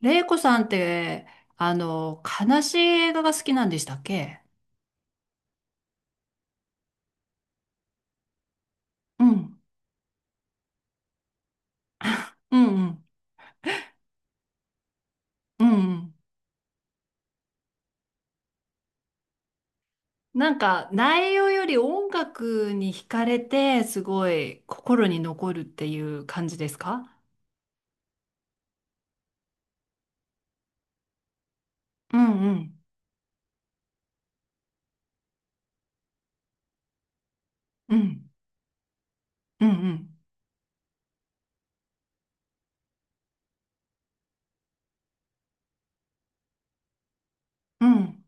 れいこさんって、あの、悲しい映画が好きなんでしたっけ？うん、うん、うん、うん、うん。なんか内容より音楽に惹かれてすごい心に残るっていう感じですか？うんうんうんうんうんうん。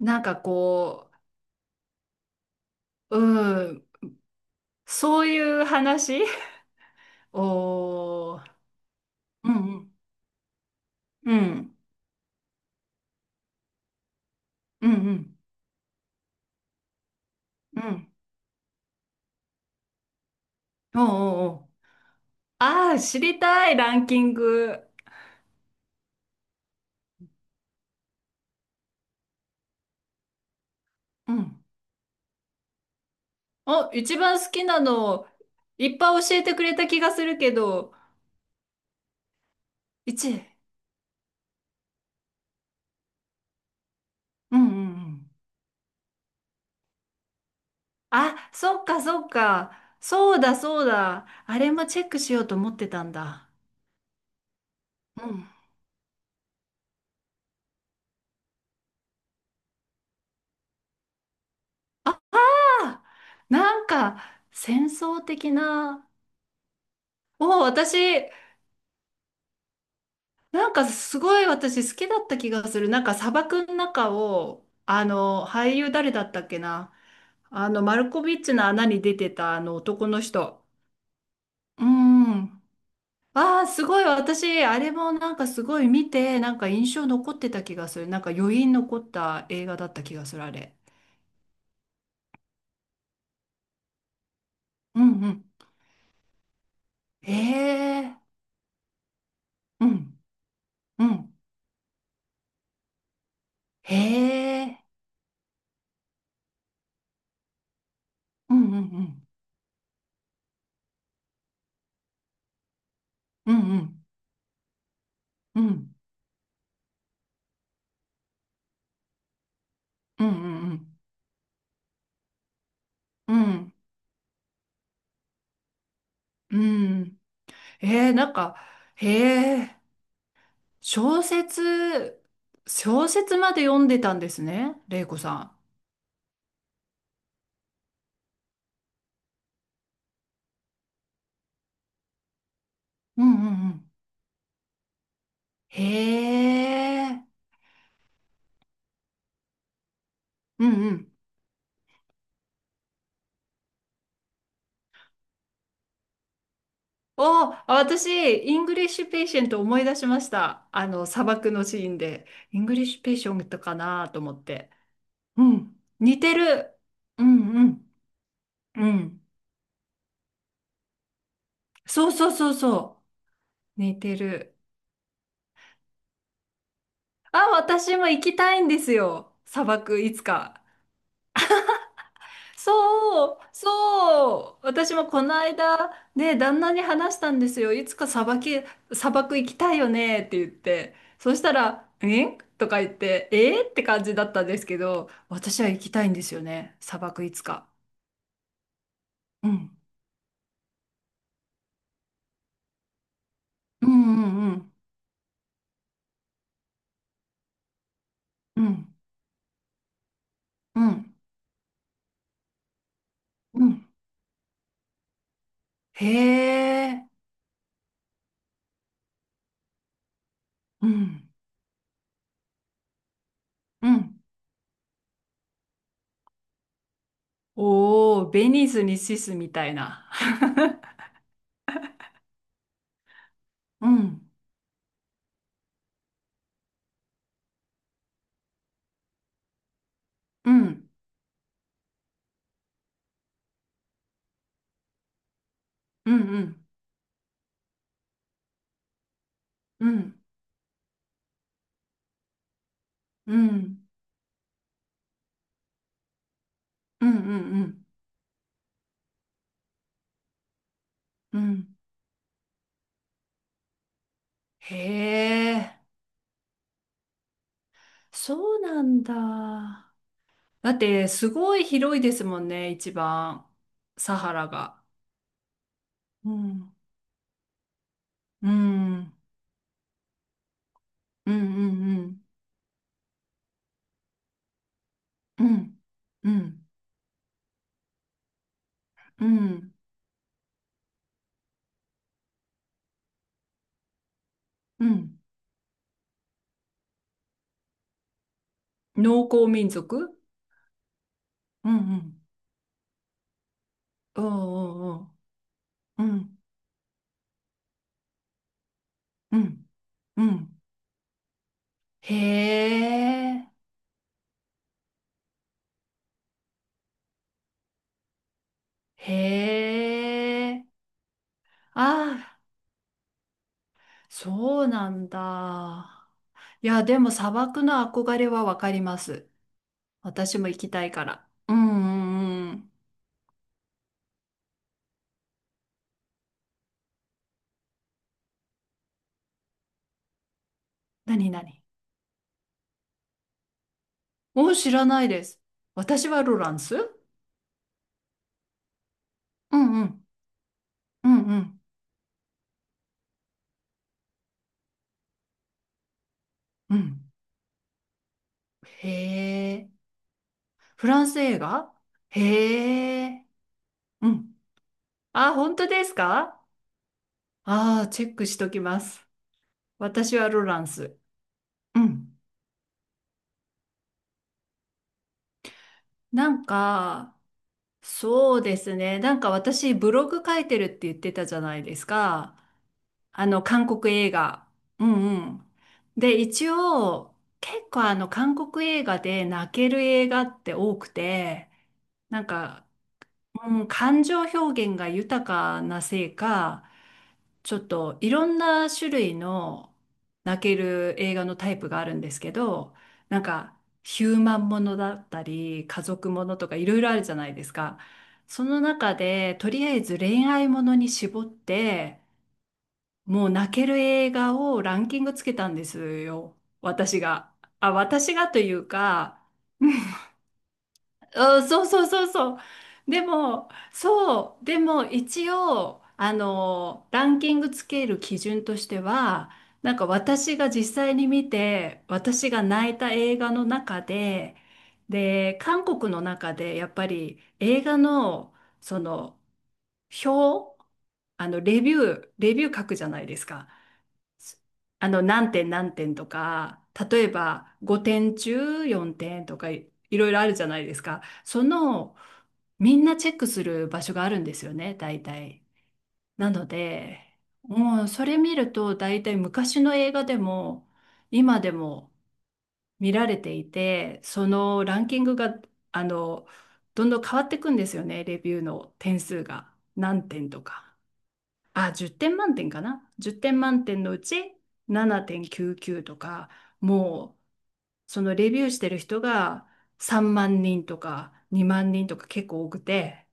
なんかこう、うん、そういう話。 おー、うんうんうんうんうんうん。おーおーおー。ああー、知りたいランキング。うん。お、一番好きなの、いっぱい教えてくれた気がするけど、1位。うんうんうん。あ、そっかそっか。そうだそうだ。あれもチェックしようと思ってたんだ。うん。あ、なんか、戦争的な。お、私、なんかすごい私好きだった気がする。なんか砂漠の中を、俳優誰だったっけな。マルコビッチの穴に出てたあの男の人。うん。ああ、すごい。私、あれもなんかすごい見て、なんか印象残ってた気がする。なんか余韻残った映画だった気がする、あれ。うんうん。へえ。うんうん。へえ。うんうんうん。うんうんうんうんうんうんうん。なんか、へえ。小説、小説まで読んでたんですね、玲子さん。うんうんうん。へえ。うんうん。おー、あ私、イングリッシュペイシェント思い出しました。砂漠のシーンで。イングリッシュペイシェントかなと思って。うん。似てる。うんうん。うん。そうそうそうそう。似てる。あ、私も行きたいんですよ。砂漠、いつか。そう、そう、私もこの間、ね、旦那に話したんですよ。いつか砂漠行きたいよねって言って。そしたら、えとか言って、えって感じだったんですけど、私は行きたいんですよね。砂漠いつか。うん。うんうんうん。うん。うん。へえ。うん。うん。おお、ベニスにシスみたいな。うん。うん。うんうん。うん。うん。うん。うんうんうん。うん。へえ、そうなんだ。だって、すごい広いですもんね、一番。サハラが。うん。うん。うんうんうん。うん。うん。うん。うん。農耕民族。うんうん。お。うん。うん。ううん。うん。うん。へえ。へえ。ああ、そうなんだ。いや、でも砂漠の憧れはわかります。私も行きたいから。うんうんうん。何？何？もう知らないです。私はロランス。うんうん。うんうん。うん。へえ。フランス映画。へえ。うん。あ、本当ですか？ああー、チェックしときます。私はロランス。うん。なんか、そうですね。なんか私ブログ書いてるって言ってたじゃないですか。韓国映画。うんうん。で、一応、結構韓国映画で泣ける映画って多くて、なんか、うん、感情表現が豊かなせいか、ちょっといろんな種類の泣ける映画のタイプがあるんですけど、なんか、ヒューマンものだったり、家族ものとかいろいろあるじゃないですか。その中で、とりあえず恋愛ものに絞って、もう泣ける映画をランキングつけたんですよ。私が。あ、私がというか、うん、そうそうそうそう。でも、そう、でも一応、ランキングつける基準としては、なんか私が実際に見て、私が泣いた映画の中で、で、韓国の中でやっぱり映画の、その、表、レビュー書くじゃないですか。すあの、何点何点とか、例えば5点中4点とかいろいろあるじゃないですか。その、みんなチェックする場所があるんですよね、大体。なので、もうそれ見ると大体昔の映画でも、今でも見られていて、そのランキングが、あの、どんどん変わっていくんですよね、レビューの点数が。何点とか。あ、10点満点かな。10点満点のうち7.99とか、もうそのレビューしてる人が3万人とか2万人とか結構多くて、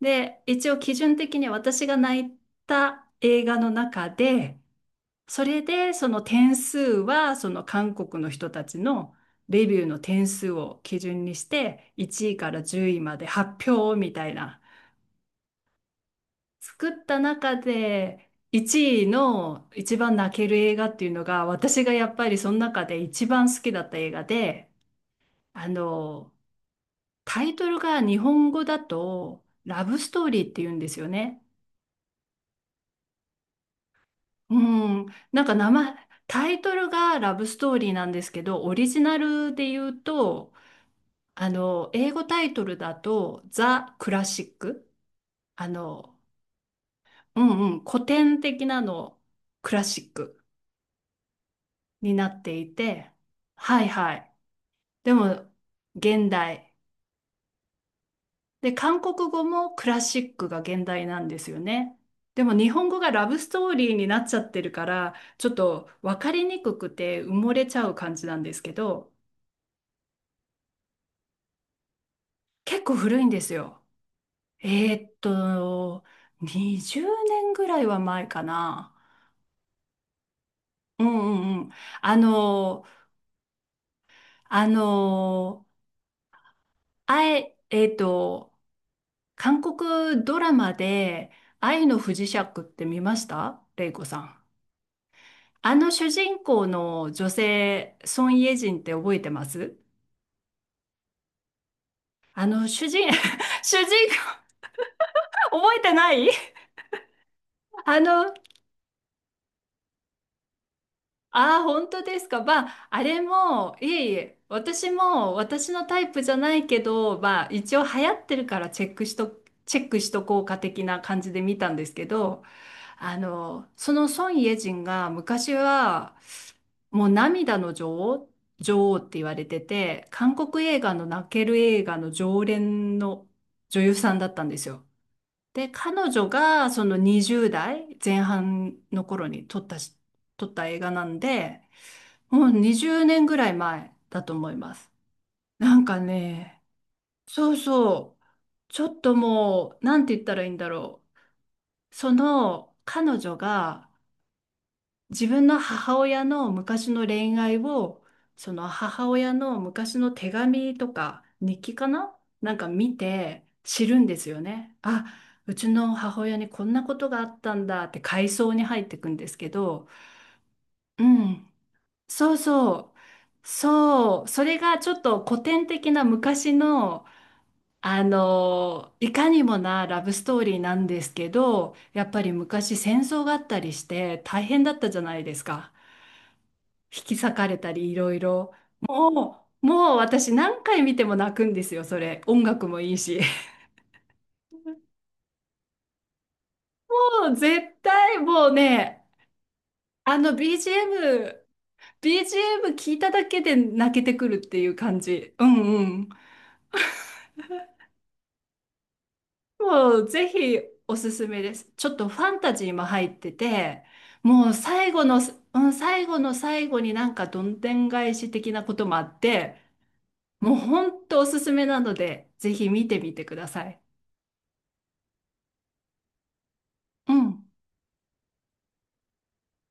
で、一応基準的に私が泣いた映画の中で、それでその点数はその韓国の人たちのレビューの点数を基準にして、1位から10位まで発表みたいな。作った中で1位の一番泣ける映画っていうのが私がやっぱりその中で一番好きだった映画であのタイトルが日本語だとラブストーリーっていうんですよね。うん、なんかタイトルがラブストーリーなんですけど、オリジナルで言うと英語タイトルだとザ・クラシック。あのうんうん、古典的なのクラシック。になっていて、はいはい。でも、現代。で、韓国語もクラシックが現代なんですよね。でも日本語がラブストーリーになっちゃってるから、ちょっと分かりにくくて埋もれちゃう感じなんですけど、結構古いんですよ。えーっと、20年ぐらいは前かな。うんうんうん。あの、あの、あえ、えーっと、韓国ドラマで愛の不時着って見ましたレイコさん？あの主人公の女性、ソン・イェジンって覚えてます？あの主人、主人公、覚えてない？あの、ああ、本当ですか。まあ、あれも、いえいえ、私も私のタイプじゃないけど、まあ、一応流行ってるからチェックしとこうか的な感じで見たんですけど、その孫イェジンが昔はもう涙の女王って言われてて、韓国映画の泣ける映画の常連の女優さんだったんですよ。で、彼女がその20代前半の頃に撮った映画なんで、もう20年ぐらい前だと思います。なんかね、そうそう、ちょっともう、なんて言ったらいいんだろう。その彼女が、自分の母親の昔の恋愛を、その母親の昔の手紙とか日記かななんか見て知るんですよね。あ、うちの母親にこんなことがあったんだって回想に入ってくんですけど、うん、そうそう、そう、それがちょっと古典的な昔の、いかにもなラブストーリーなんですけど、やっぱり昔戦争があったりして大変だったじゃないですか。引き裂かれたりいろいろ、もう私何回見ても泣くんですよ。それ、音楽もいいし、もう絶対、もうね、あの BGM BGM 聞いただけで泣けてくるっていう感じ。うんうん。もうぜひおすすめです。ちょっとファンタジーも入ってて、もう最後の、うん、最後の最後になんかどんでん返し的なこともあって、もうほんとおすすめなのでぜひ見てみてください。うん。